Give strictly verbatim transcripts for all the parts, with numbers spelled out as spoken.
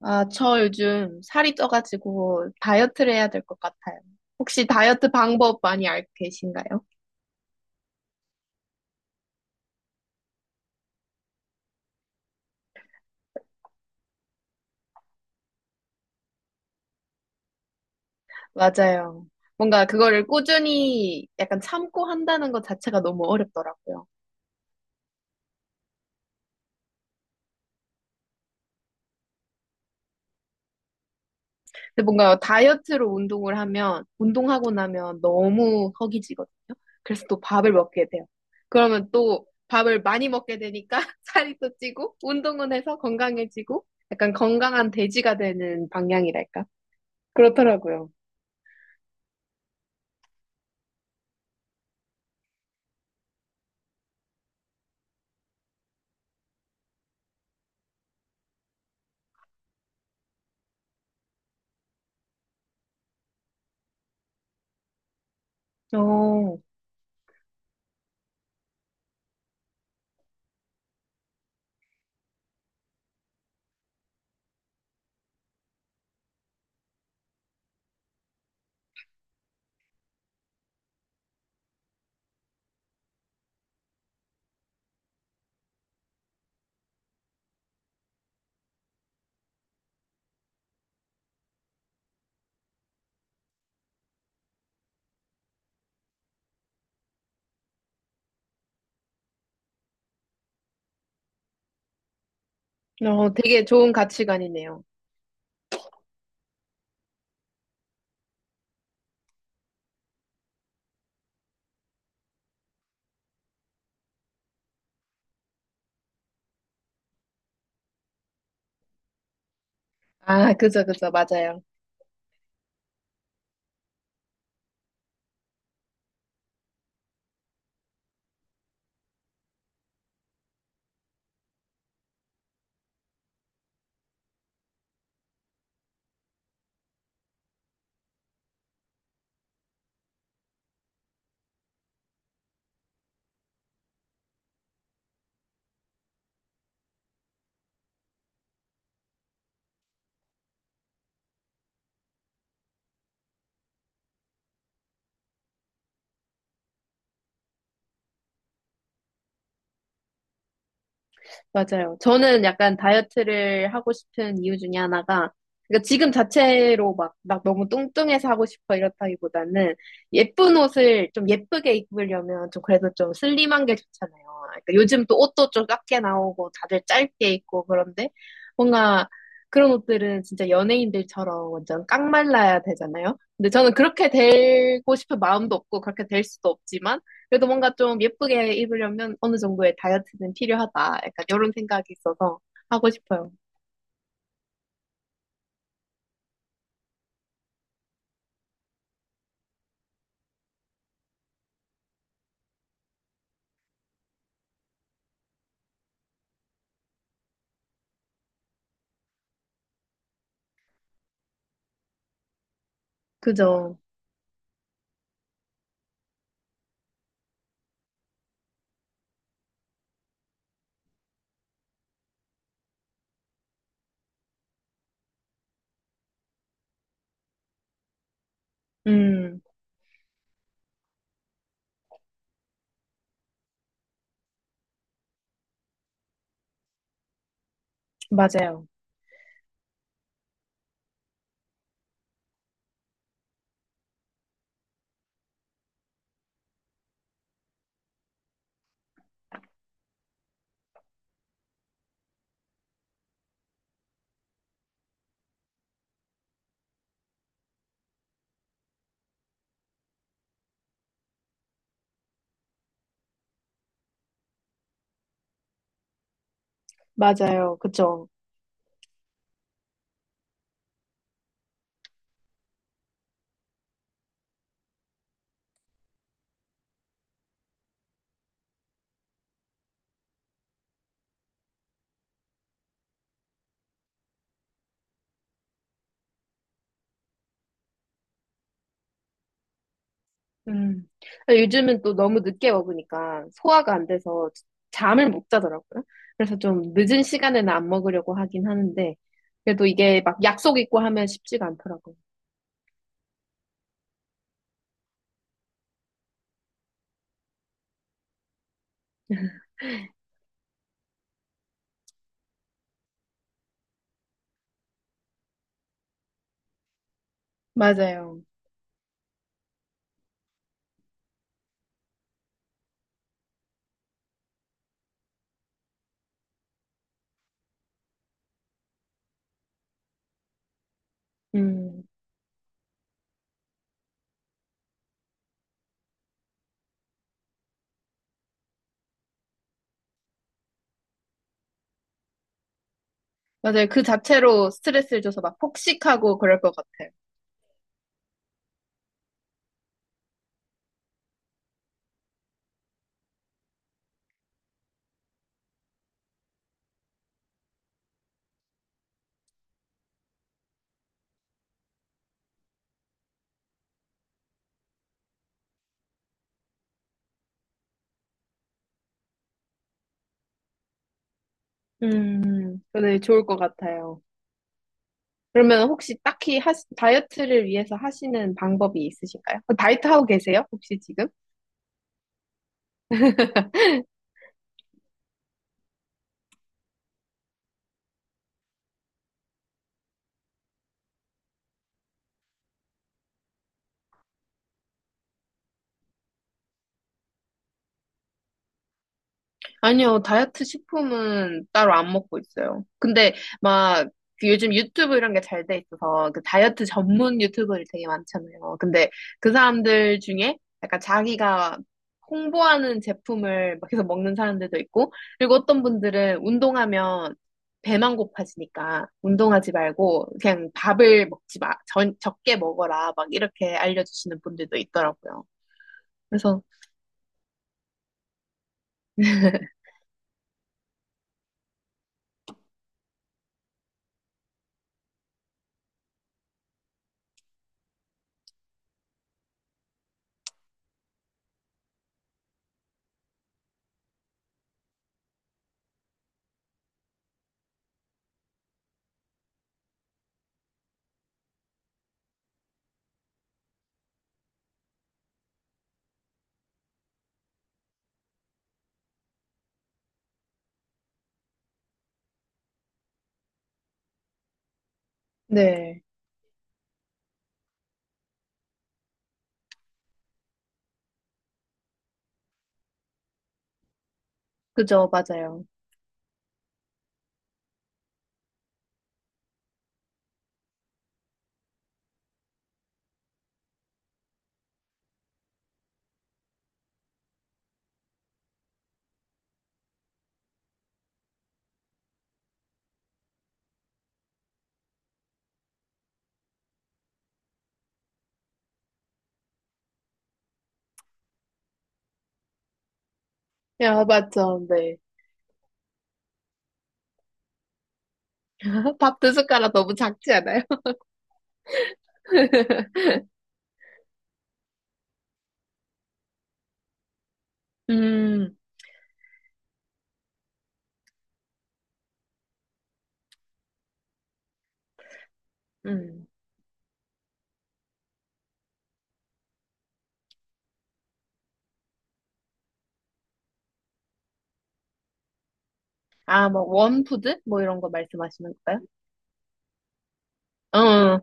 아, 저 요즘 살이 쪄가지고 다이어트를 해야 될 것 같아요. 혹시 다이어트 방법 많이 알고 계신가요? 맞아요. 뭔가 그거를 꾸준히 약간 참고 한다는 것 자체가 너무 어렵더라고요. 근데 뭔가 다이어트로 운동을 하면, 운동하고 나면 너무 허기지거든요. 그래서 또 밥을 먹게 돼요. 그러면 또 밥을 많이 먹게 되니까 살이 또 찌고, 운동은 해서 건강해지고, 약간 건강한 돼지가 되는 방향이랄까? 그렇더라고요. 어, 어, 되게 좋은 가치관이네요. 아, 그죠, 그죠. 맞아요. 맞아요. 저는 약간 다이어트를 하고 싶은 이유 중에 하나가, 그러니까 지금 자체로 막, 막 너무 뚱뚱해서 하고 싶어 이렇다기보다는 예쁜 옷을 좀 예쁘게 입으려면 좀 그래도 좀 슬림한 게 좋잖아요. 그러니까 요즘 또 옷도 좀 작게 나오고 다들 짧게 입고 그런데 뭔가 그런 옷들은 진짜 연예인들처럼 완전 깡말라야 되잖아요. 근데 저는 그렇게 되고 싶은 마음도 없고 그렇게 될 수도 없지만 그래도 뭔가 좀 예쁘게 입으려면 어느 정도의 다이어트는 필요하다. 약간 이런 생각이 있어서 하고 싶어요. 그죠? 음, 맞아요. 맞아요. 그죠? 음. 요즘은 또 너무 늦게 먹으니까 소화가 안 돼서 잠을 못 자더라고요. 그래서 좀 늦은 시간에는 안 먹으려고 하긴 하는데, 그래도 이게 막 약속 있고 하면 쉽지가 않더라고요. 맞아요. 음, 맞아요. 그 자체로 스트레스를 줘서 막 폭식하고 그럴 것 같아요. 음, 근데 좋을 것 같아요. 그러면 혹시 딱히 하시- 다이어트를 위해서 하시는 방법이 있으신가요? 그 다이어트 하고 계세요? 혹시 지금? 아니요, 다이어트 식품은 따로 안 먹고 있어요. 근데 막그 요즘 유튜브 이런 게 잘 돼 있어서 그 다이어트 전문 유튜버들 되게 많잖아요. 근데 그 사람들 중에 약간 자기가 홍보하는 제품을 막 계속 먹는 사람들도 있고, 그리고 어떤 분들은 운동하면 배만 고파지니까 운동하지 말고 그냥 밥을 먹지 마, 전, 적게 먹어라, 막 이렇게 알려주시는 분들도 있더라고요. 그래서, 네, 그죠, 맞아요. 야, 맞죠, 네. 밥 두 숟가락 너무 작지 않아요? 음, 음. 아, 뭐, 원푸드? 뭐 이런 거 말씀하시는 건가요? 어,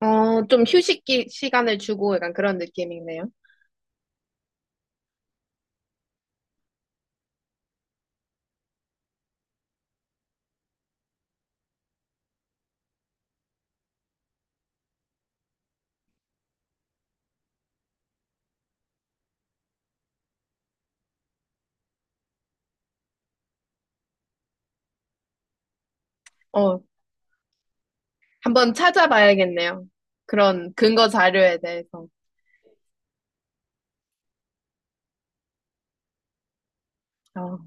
어, 좀 휴식기 시간을 주고 약간 그런 느낌이네요. 어, 한번 찾아봐야겠네요. 그런 근거 자료에 대해서. 어,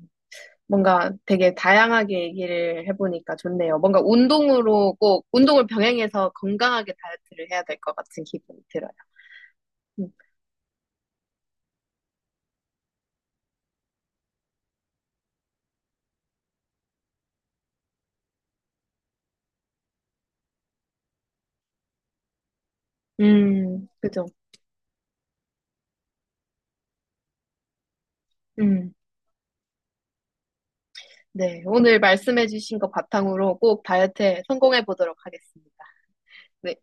뭔가 되게 다양하게 얘기를 해보니까 좋네요. 뭔가 운동으로 꼭, 운동을 병행해서 건강하게 다이어트를 해야 될 것 같은 기분이 들어요. 음, 음, 그죠. 음. 네, 오늘 말씀해주신 거 바탕으로 꼭 다이어트에 성공해 보도록 하겠습니다. 네.